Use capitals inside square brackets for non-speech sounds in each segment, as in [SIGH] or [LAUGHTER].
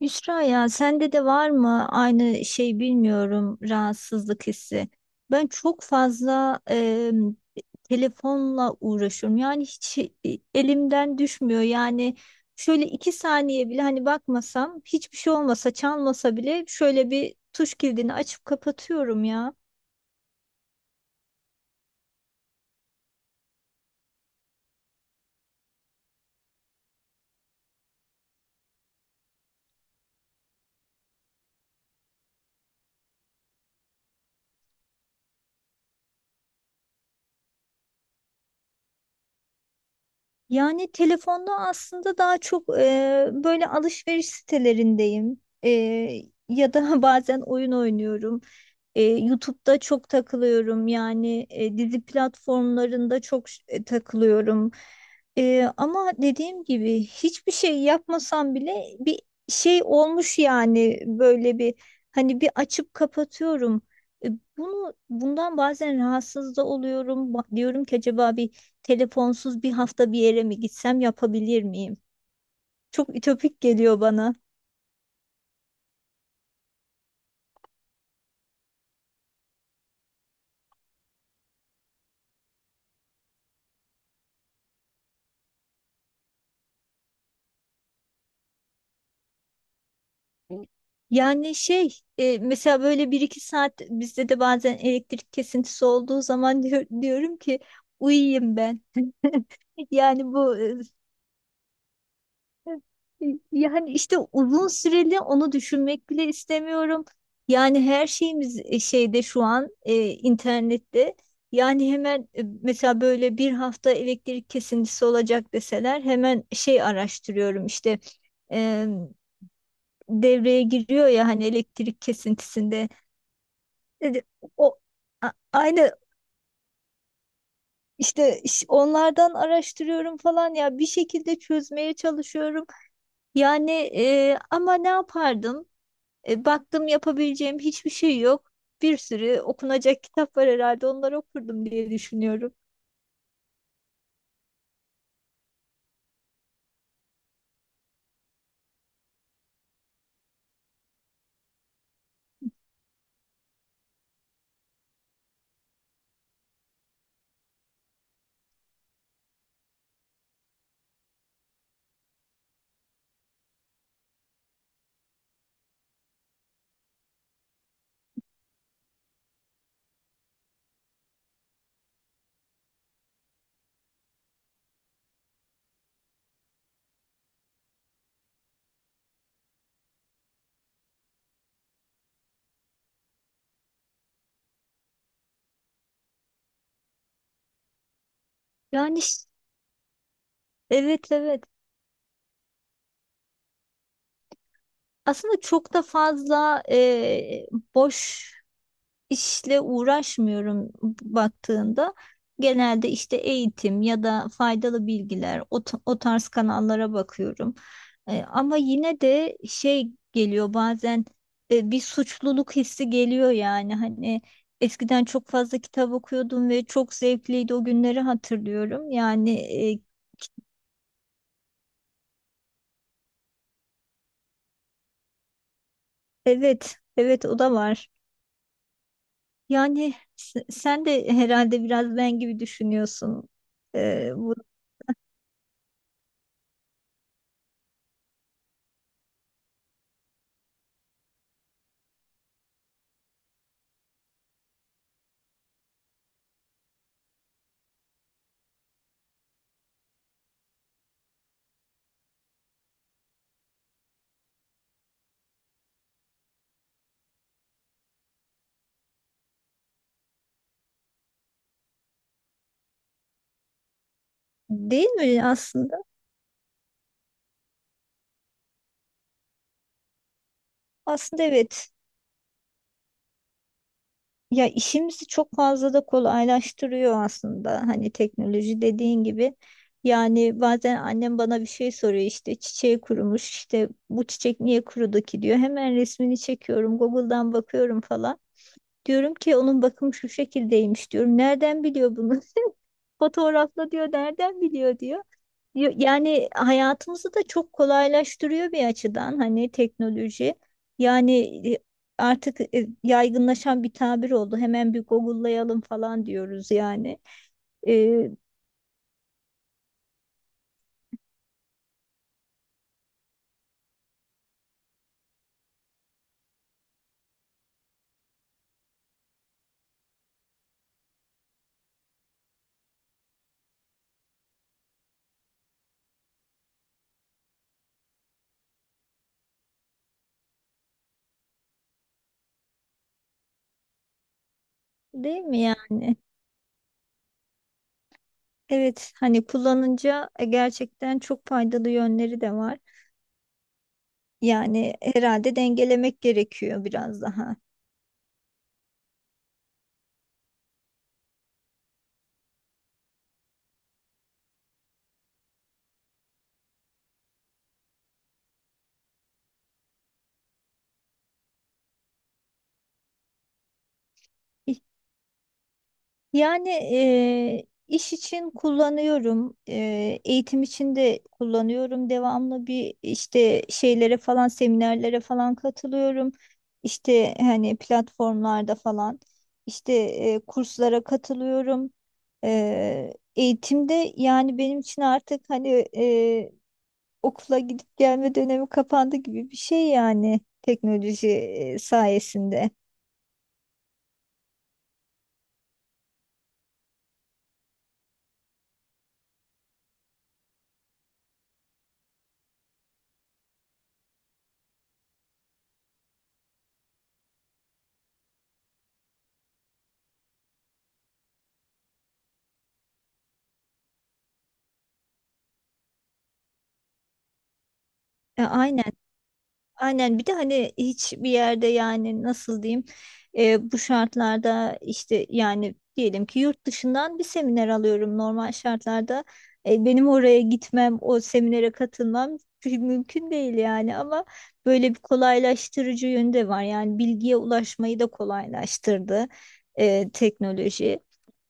Yusra ya sende de var mı aynı şey bilmiyorum rahatsızlık hissi. Ben çok fazla telefonla uğraşıyorum. Yani hiç elimden düşmüyor. Yani şöyle iki saniye bile hani bakmasam hiçbir şey olmasa çalmasa bile şöyle bir tuş kilidini açıp kapatıyorum ya. Yani telefonda aslında daha çok böyle alışveriş sitelerindeyim. Ya da [LAUGHS] bazen oyun oynuyorum. YouTube'da çok takılıyorum yani dizi platformlarında çok takılıyorum. Ama dediğim gibi hiçbir şey yapmasam bile bir şey olmuş yani böyle bir hani bir açıp kapatıyorum. E, Bunu bundan bazen rahatsız da oluyorum. Diyorum ki acaba bir telefonsuz bir hafta bir yere mi gitsem yapabilir miyim? Çok ütopik geliyor bana. Yani şey mesela böyle bir iki saat bizde de bazen elektrik kesintisi olduğu zaman [LAUGHS] diyorum ki uyuyayım ben. [LAUGHS] Yani bu [LAUGHS] yani işte uzun süreli onu düşünmek bile istemiyorum. Yani her şeyimiz şeyde şu an internette. Yani hemen mesela böyle bir hafta elektrik kesintisi olacak deseler hemen şey araştırıyorum işte e, devreye giriyor ya hani elektrik kesintisinde. Dedi, o aynı işte onlardan araştırıyorum falan ya bir şekilde çözmeye çalışıyorum. Yani ama ne yapardım? Baktım yapabileceğim hiçbir şey yok. Bir sürü okunacak kitap var herhalde onları okurdum diye düşünüyorum. Yani evet evet. Aslında çok da fazla boş işle uğraşmıyorum baktığında genelde işte eğitim ya da faydalı bilgiler o tarz kanallara bakıyorum. Ama yine de şey geliyor bazen bir suçluluk hissi geliyor yani hani eskiden çok fazla kitap okuyordum ve çok zevkliydi o günleri hatırlıyorum. Yani e, evet evet o da var. Yani sen de herhalde biraz ben gibi düşünüyorsun. E, bu Değil mi aslında? Aslında evet. Ya işimizi çok fazla da kolaylaştırıyor aslında. Hani teknoloji dediğin gibi. Yani bazen annem bana bir şey soruyor işte çiçeği kurumuş işte bu çiçek niye kurudu ki diyor. Hemen resmini çekiyorum Google'dan bakıyorum falan. Diyorum ki onun bakımı şu şekildeymiş diyorum. Nereden biliyor bunu? [LAUGHS] Fotoğrafla diyor nereden biliyor diyor. Yani hayatımızı da çok kolaylaştırıyor bir açıdan hani teknoloji. Yani e, artık yaygınlaşan bir tabir oldu. Hemen bir Google'layalım falan diyoruz yani. E, Değil mi yani? Evet hani kullanınca gerçekten çok faydalı yönleri de var. Yani herhalde dengelemek gerekiyor biraz daha. Yani iş için kullanıyorum, eğitim için de kullanıyorum. Devamlı bir işte şeylere falan, seminerlere falan katılıyorum. İşte hani platformlarda falan, işte kurslara katılıyorum. Eğitimde yani benim için artık hani okula gidip gelme dönemi kapandı gibi bir şey yani teknoloji sayesinde. Aynen. Aynen bir de hani hiçbir yerde yani nasıl diyeyim bu şartlarda işte yani diyelim ki yurt dışından bir seminer alıyorum normal şartlarda. Benim oraya gitmem o seminere katılmam mümkün değil yani ama böyle bir kolaylaştırıcı yönde var yani bilgiye ulaşmayı da kolaylaştırdı teknoloji.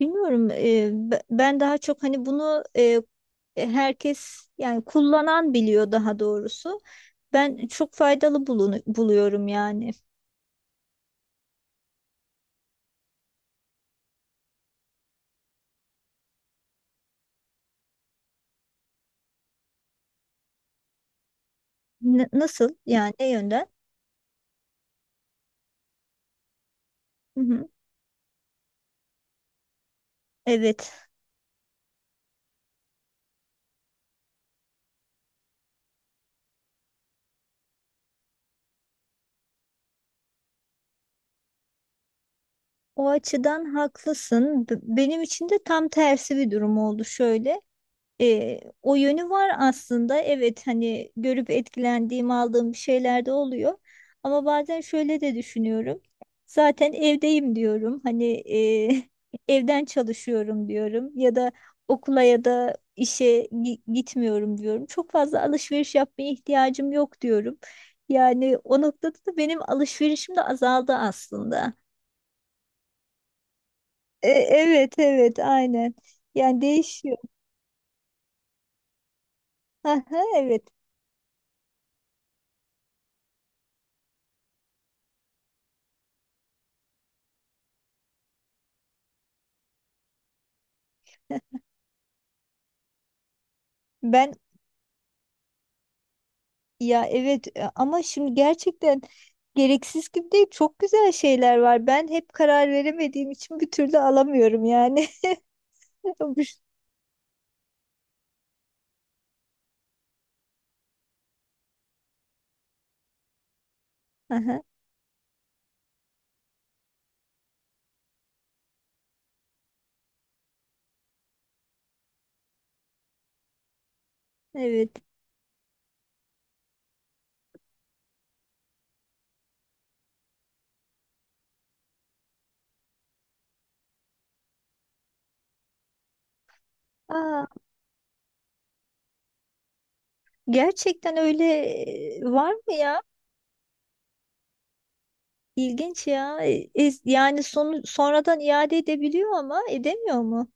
Bilmiyorum. Ben daha çok hani bunu herkes yani kullanan biliyor daha doğrusu. Ben çok faydalı buluyorum yani. Nasıl yani ne yönden? Hı hı. Evet, o açıdan haklısın. Benim için de tam tersi bir durum oldu şöyle. O yönü var aslında. Evet hani görüp etkilendiğim, aldığım bir şeyler de oluyor. Ama bazen şöyle de düşünüyorum. Zaten evdeyim diyorum. Hani e, [LAUGHS] evden çalışıyorum diyorum. Ya da okula ya da işe gitmiyorum diyorum. Çok fazla alışveriş yapmaya ihtiyacım yok diyorum. Yani o noktada da benim alışverişim de azaldı aslında. Evet evet aynen. Yani değişiyor. [LAUGHS] Aha, evet. Ben Ya evet ama şimdi gerçekten gereksiz gibi değil çok güzel şeyler var. Ben hep karar veremediğim için bir türlü alamıyorum yani. [LAUGHS] Bu Aha, evet. Aa, gerçekten öyle var mı ya? İlginç ya. Yani sonu sonradan iade edebiliyor ama edemiyor mu?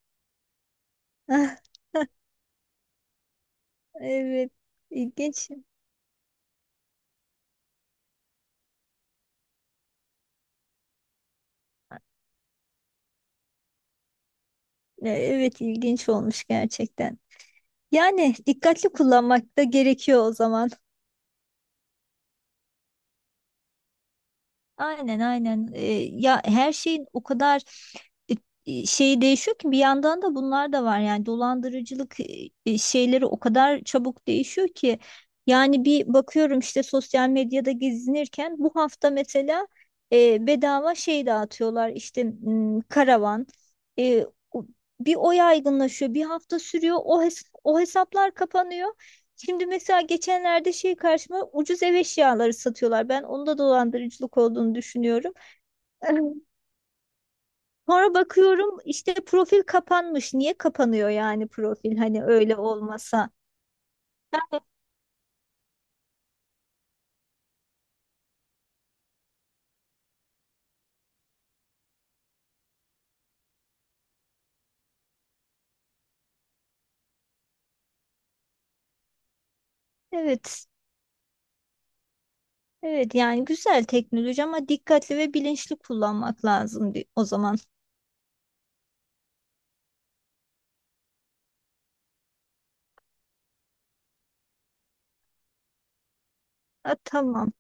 [LAUGHS] Evet. ilginç Evet ilginç olmuş gerçekten. Yani dikkatli kullanmak da gerekiyor o zaman. Aynen aynen. Ya her şeyin o kadar e, şeyi değişiyor ki bir yandan da bunlar da var. Yani dolandırıcılık şeyleri o kadar çabuk değişiyor ki yani bir bakıyorum işte sosyal medyada gezinirken bu hafta mesela bedava şey dağıtıyorlar işte karavan. E, o- Bir o yaygınlaşıyor, bir hafta sürüyor. O hesaplar kapanıyor. Şimdi mesela geçenlerde şey karşıma ucuz ev eşyaları satıyorlar. Ben onda dolandırıcılık olduğunu düşünüyorum. [LAUGHS] Sonra bakıyorum işte profil kapanmış. Niye kapanıyor yani profil hani öyle olmasa? Evet. Evet yani güzel teknoloji ama dikkatli ve bilinçli kullanmak lazım o zaman. Ha, tamam.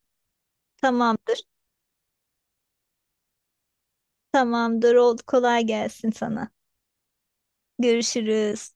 Tamamdır. Tamamdır. Oldu. Kolay gelsin sana. Görüşürüz.